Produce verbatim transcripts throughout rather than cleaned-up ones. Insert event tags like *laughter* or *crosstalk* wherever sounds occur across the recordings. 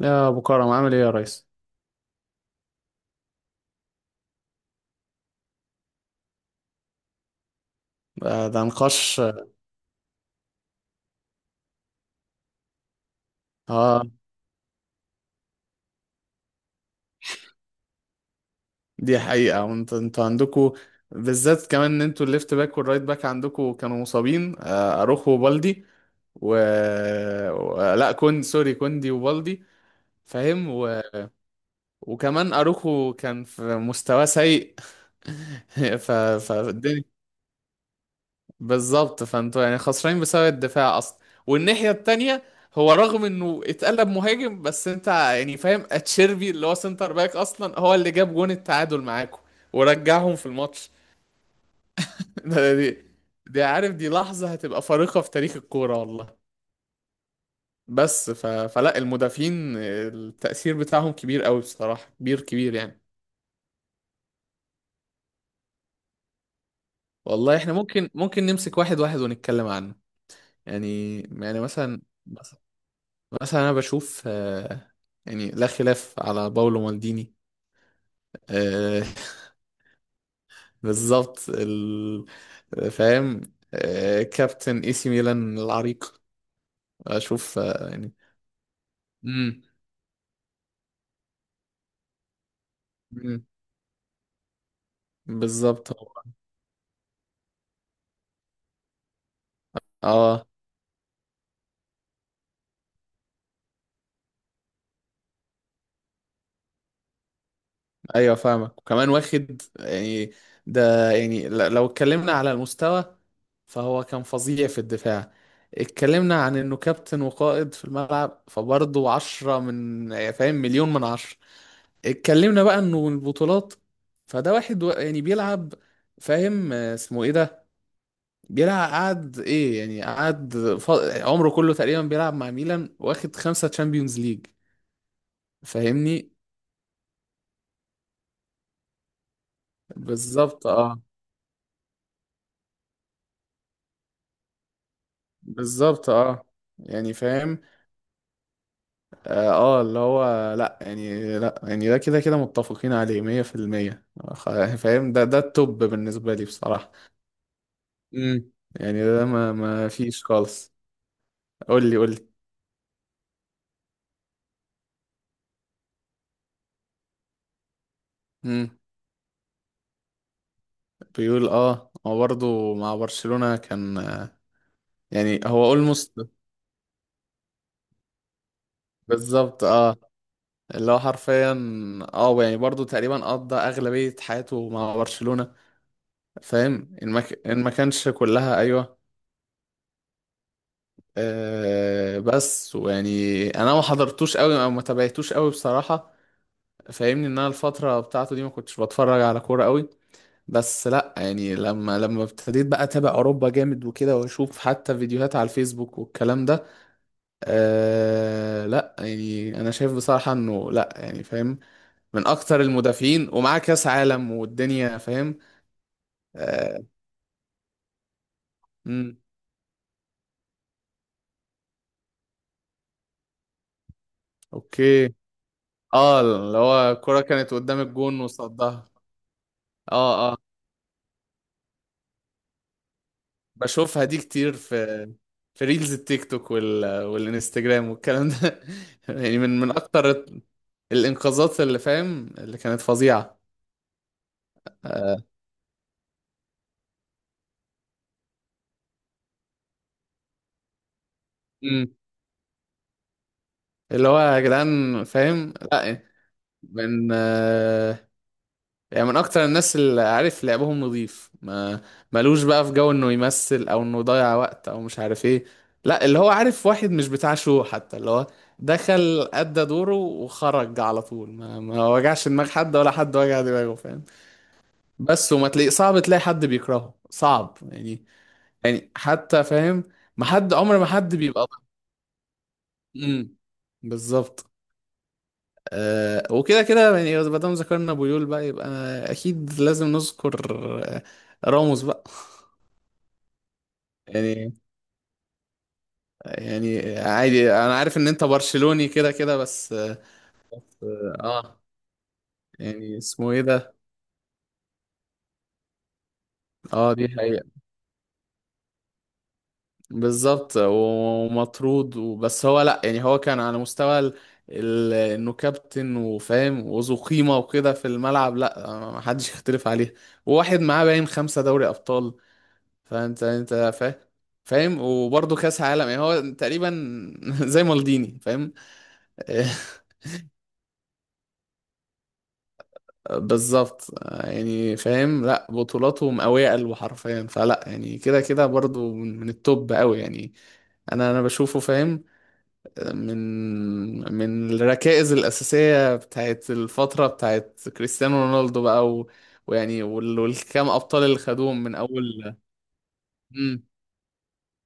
يا ابو كرم، عامل ايه يا ريس؟ ده, ده نقاش. اه، دي حقيقة. وانت انتوا عندكوا، بالذات كمان ان انتوا الليفت باك والرايت باك عندكوا كانوا مصابين، آه اروخو وبالدي و... و... لا كوندي، سوري، كوندي وبالدي، فاهم و... وكمان اروخو كان في مستوى سيء. *laughs* ف... فالدنيا بالظبط. فانتوا يعني خسرانين بسبب الدفاع اصلا. والناحية التانية، هو رغم انه اتقلب مهاجم، بس انت يعني فاهم اتشيربي اللي هو سنتر باك اصلا هو اللي جاب جون التعادل معاكم ورجعهم في الماتش. *laughs* ده- دي دي عارف، دي لحظة هتبقى فارقة في تاريخ الكورة والله. بس ف... فلا المدافعين التأثير بتاعهم كبير قوي، بصراحة كبير كبير يعني. والله احنا ممكن ممكن نمسك واحد واحد ونتكلم عنه. يعني يعني مثلا، مثلا انا بشوف، آه، يعني لا خلاف على باولو مالديني. آه، *laughs* بالظبط ال- فاهم، آه، كابتن اي سي ميلان العريق. اشوف، آه، يعني امم مم. بالظبط هو. اه ايوه فاهمك. وكمان واخد يعني، ده يعني ل- لو اتكلمنا على المستوى، فهو كان فظيع في الدفاع. اتكلمنا عن انه كابتن وقائد في الملعب، فبرضه عشرة من، يعني فاهم، مليون من عشرة. اتكلمنا بقى انه البطولات، فده واحد و- يعني بيلعب، فاهم، آه، اسمه ايه ده، بيلعب قعد ايه، يعني قعد ف... عمره كله تقريبا بيلعب مع ميلان، واخد خمسة تشامبيونز ليج، فاهمني. بالظبط اه. بالظبط اه. يعني فاهم. اه آه، اللي هو لا يعني، لا يعني ده كده كده متفقين عليه مية في المية. خ- فاهم، ده ده التوب بالنسبة لي بصراحة. امم يعني ده ما ما فيش خالص. قول لي قول لي بيقول. اه هو برضه مع برشلونة كان، آه، يعني هو اولموست. بالظبط اه. اللي هو حرفيا اه، يعني برضه تقريبا قضى اغلبية حياته مع برشلونة، فاهم ان ما ك- إن ما كانش كلها، ايوه. آه بس ويعني انا ما حضرتوش قوي، او ما تابعتوش قوي بصراحة، فاهمني، ان انا الفترة بتاعته دي ما كنتش بتفرج على كورة قوي. بس لا يعني، لما لما ابتديت بقى اتابع اوروبا جامد وكده، واشوف حتى فيديوهات على الفيسبوك والكلام ده، آه لا يعني انا شايف بصراحة انه، لا يعني فاهم، من اكتر المدافعين، ومعاه كاس عالم والدنيا، فاهم. آه. امم اوكي. اه اللي هو الكرة كانت قدام الجون وصدها. اه اه، بشوفها دي كتير، في في ريلز التيك توك وال... والانستجرام والكلام ده. *laughs* يعني من من اكتر الانقاذات، اللي فاهم، اللي كانت فظيعة. آه. مم. اللي هو يا جدعان، فاهم لا، من آه، يعني من اكتر الناس اللي عارف لعبهم نظيف. ما ملوش بقى في جو انه يمثل، او انه يضيع وقت، او مش عارف ايه. لا، اللي هو عارف، واحد مش بتاع شو حتى، اللي هو دخل ادى دوره وخرج على طول، ما, ما وجعش دماغ حد، ولا حد وجع دماغه، فاهم. بس وما تلاقي، صعب تلاقي حد بيكرهه، صعب يعني. يعني حتى فاهم، ما حد عمر، ما حد بيبقى. امم بالظبط. آه، وكده كده يعني، ما دام ذكرنا بويول بقى، يبقى اكيد لازم نذكر، آه، راموس بقى. يعني يعني عادي، انا عارف ان انت برشلوني كده كده، بس اه. آه، يعني اسمه ايه ده. اه دي حقيقة. بالظبط، ومطرود، وبس هو لا يعني، هو كان على مستوى ال... ال... انه كابتن وفاهم وذو قيمة وكده في الملعب، لا ما حدش يختلف عليه. وواحد معاه باين خمسة دوري ابطال. فانت انت فاهم، فاهم، وبرضه كاس عالم، يعني هو تقريبا *laughs* زي مالديني، فاهم. *laughs* بالظبط. يعني فاهم لا، بطولاته مقويه قلبه حرفيا، فلا يعني كده كده برضه من من التوب قوي يعني. انا انا بشوفه فاهم، من من الركائز الاساسيه بتاعت الفتره بتاعت كريستيانو رونالدو بقى و... ويعني وال- والكام ابطال اللي خدوهم من اول. امم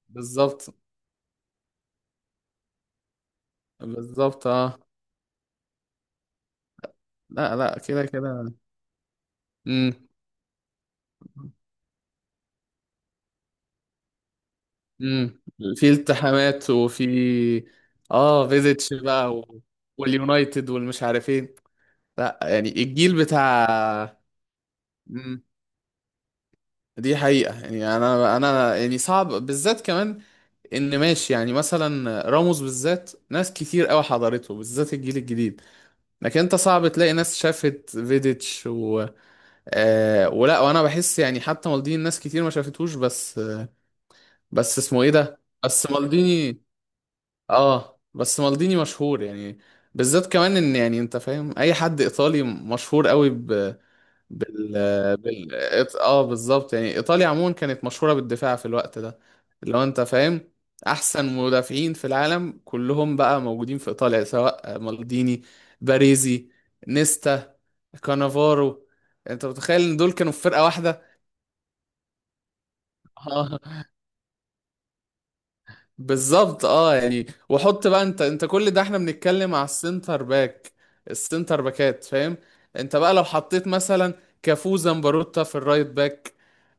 بالظبط. بالظبط اه. لا لا كده كده. امم امم في التحامات وفي، اه فيزيتش بقى و... واليونايتد والمش عارفين. لا يعني الجيل بتاع، امم دي حقيقة. يعني انا انا يعني صعب، بالذات كمان ان ماشي، يعني مثلا راموس بالذات ناس كتير قوي حضرته، بالذات الجيل الجديد، لكن انت صعب تلاقي ناس شافت فيديتش و... آه ولا، وانا بحس يعني حتى مالديني ناس كتير ما شافتوش. بس بس اسمه ايه ده، بس مالديني. اه بس مالديني مشهور يعني، بالذات كمان ان يعني انت فاهم اي حد ايطالي مشهور قوي ب... بال بال إيط- اه بالظبط، يعني ايطاليا عموما كانت مشهورة بالدفاع في الوقت ده، اللي هو انت فاهم احسن مدافعين في العالم كلهم بقى موجودين في ايطاليا، سواء مالديني، باريزي، نيستا، كانافارو. انت متخيل ان دول كانوا في فرقة واحدة؟ *laughs* بالظبط اه، يعني وحط بقى، انت انت كل ده احنا بنتكلم على السنتر باك، السنتر باكات فاهم. انت بقى لو حطيت مثلا كافو زمبروتا في الرايت باك،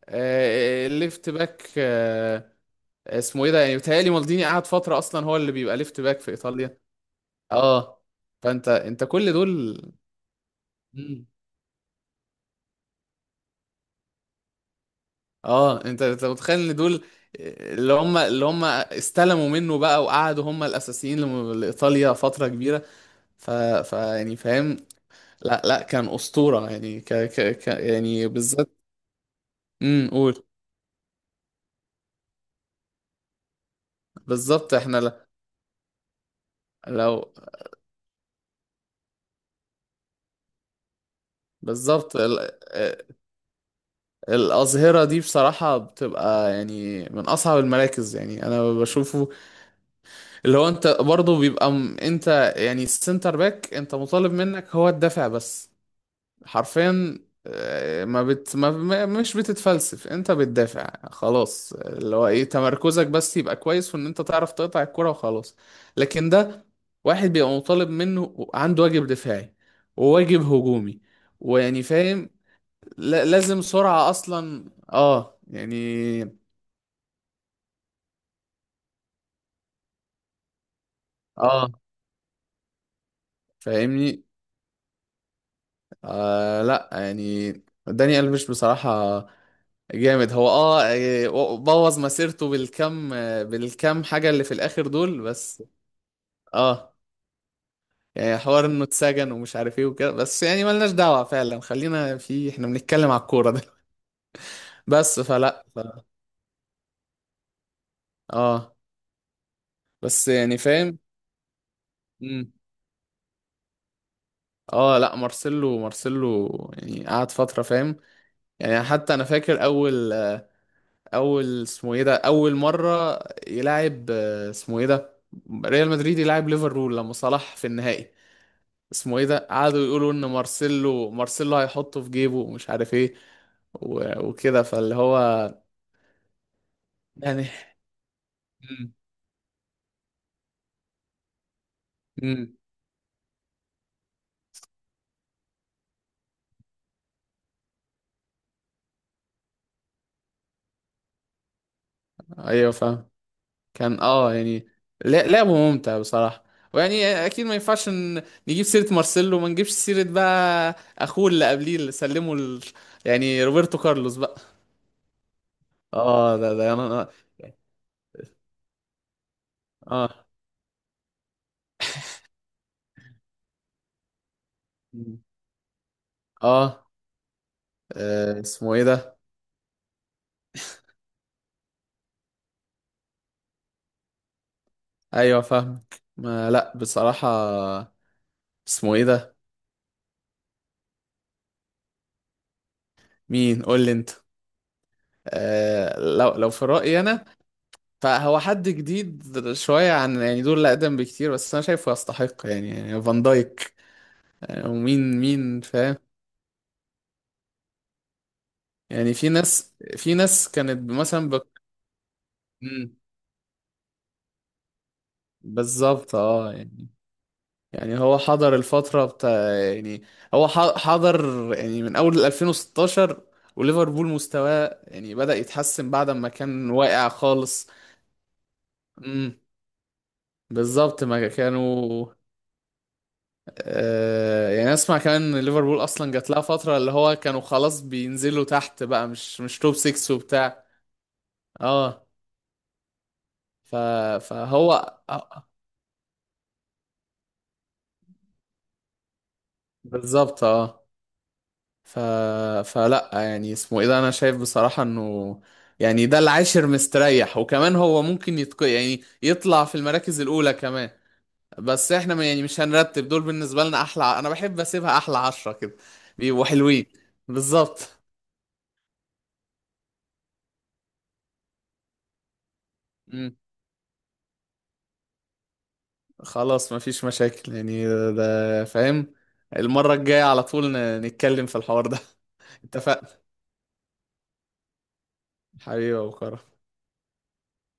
آه الليفت باك، آه اسمه ايه ده، يعني بيتهيألي مالديني قعد فترة اصلا هو اللي بيبقى ليفت باك في ايطاليا، اه. فانت انت كل دول. مم. اه انت انت متخيل ان دول، آه، اللي هم اللي هم استلموا منه بقى وقعدوا هم الاساسيين، لم- لايطاليا فترة كبيرة. ف... ف يعني فاهم، لا لا كان أسطورة يعني، ك ك ك يعني بالذات. امم قول. بالظبط احنا ل- لو بالظبط ال... آه، الأظهرة دي بصراحة بتبقى يعني من أصعب المراكز، يعني أنا بشوفه اللي هو، أنت برضه بيبقى م... أنت يعني السنتر باك، أنت مطالب منك هو الدافع بس، حرفيا، آه، ما بت ما ما- مش بتتفلسف، انت بتدافع خلاص، اللي هو ايه، تمركزك بس يبقى كويس، في ان انت تعرف تقطع الكرة وخلاص. لكن ده واحد بيبقى مطالب منه، عنده واجب دفاعي وواجب هجومي، ويعني فاهم، لا- لازم سرعة اصلا اه يعني. اه فاهمني. آه لا يعني داني ألفيش بصراحة جامد. هو اه إيه، بوظ مسيرته بالكم، بالكم حاجة اللي في الآخر دول، بس اه، يعني حوار انه اتسجن ومش عارف ايه وكده، بس يعني ملناش دعوة فعلا، خلينا في، احنا بنتكلم على الكورة ده. *laughs* بس فلا. ف... اه بس يعني فاهم. مم. اه لا مارسيلو، مارسيلو يعني قعد فترة فاهم، يعني حتى انا فاكر اول، اول اسمه ايه ده، اول مرة يلعب، آه، اسمه ايه ده، ريال مدريد يلعب ليفربول لما صلاح في النهائي، اسمه ايه ده، قعدوا يقولوا ان مارسيلو، مارسيلو هيحطه في جيبه ومش عارف ايه و- وكده، فاللي هو يعني. مم. مم. ايوه فاهم، كان اه يعني، لا- لعبه ممتع بصراحة. ويعني اكيد ما ينفعش ن- نجيب سيرة مارسيلو، ما نجيبش سيرة بقى اخوه اللي قبليه، اللي سلمه ال... يعني روبرتو كارلوس بقى. اه ده ده انا. اه. مم. اه، آه، اسمه ايه ده، ايوه فاهم، ما لا بصراحة، اسمه ايه ده، مين؟ قول لي انت. آه، لو لو في رأيي انا، فهو حد جديد شوية عن يعني دول اللي اقدم بكتير، بس انا شايفه يستحق يعني، يعني فان دايك. آه، ومين مين فاهم، يعني في ناس، في ناس كانت مثلا بك... مم، بالظبط اه يعني. يعني هو حضر الفترة بتاع، يعني هو ح- حضر يعني من اول ألفين وستاشر، وليفربول مستواه يعني بدأ يتحسن بعد ما كان واقع خالص. امم بالظبط ما كانوا. آه، يعني اسمع كمان، ان ليفربول اصلا جات لها فتره اللي هو كانوا خلاص بينزلوا تحت بقى، مش مش توب ستة وبتاع. اه ف فهو، آه، بالظبط اه. ف فلا يعني اسمه ايه ده، انا شايف بصراحه انه يعني ده العاشر مستريح، وكمان هو ممكن يتق... يعني يطلع في المراكز الاولى كمان. بس احنا ما- يعني مش هنرتب دول، بالنسبه لنا احلى ع- انا بحب اسيبها احلى عشرة كده، بيبقوا حلوين. بالظبط. خلاص مفيش مشاكل، يعني ده فاهم، المرة الجاية على طول ن- نتكلم في الحوار ده. *laughs* اتفقنا، حبيبي يا أبو كرم.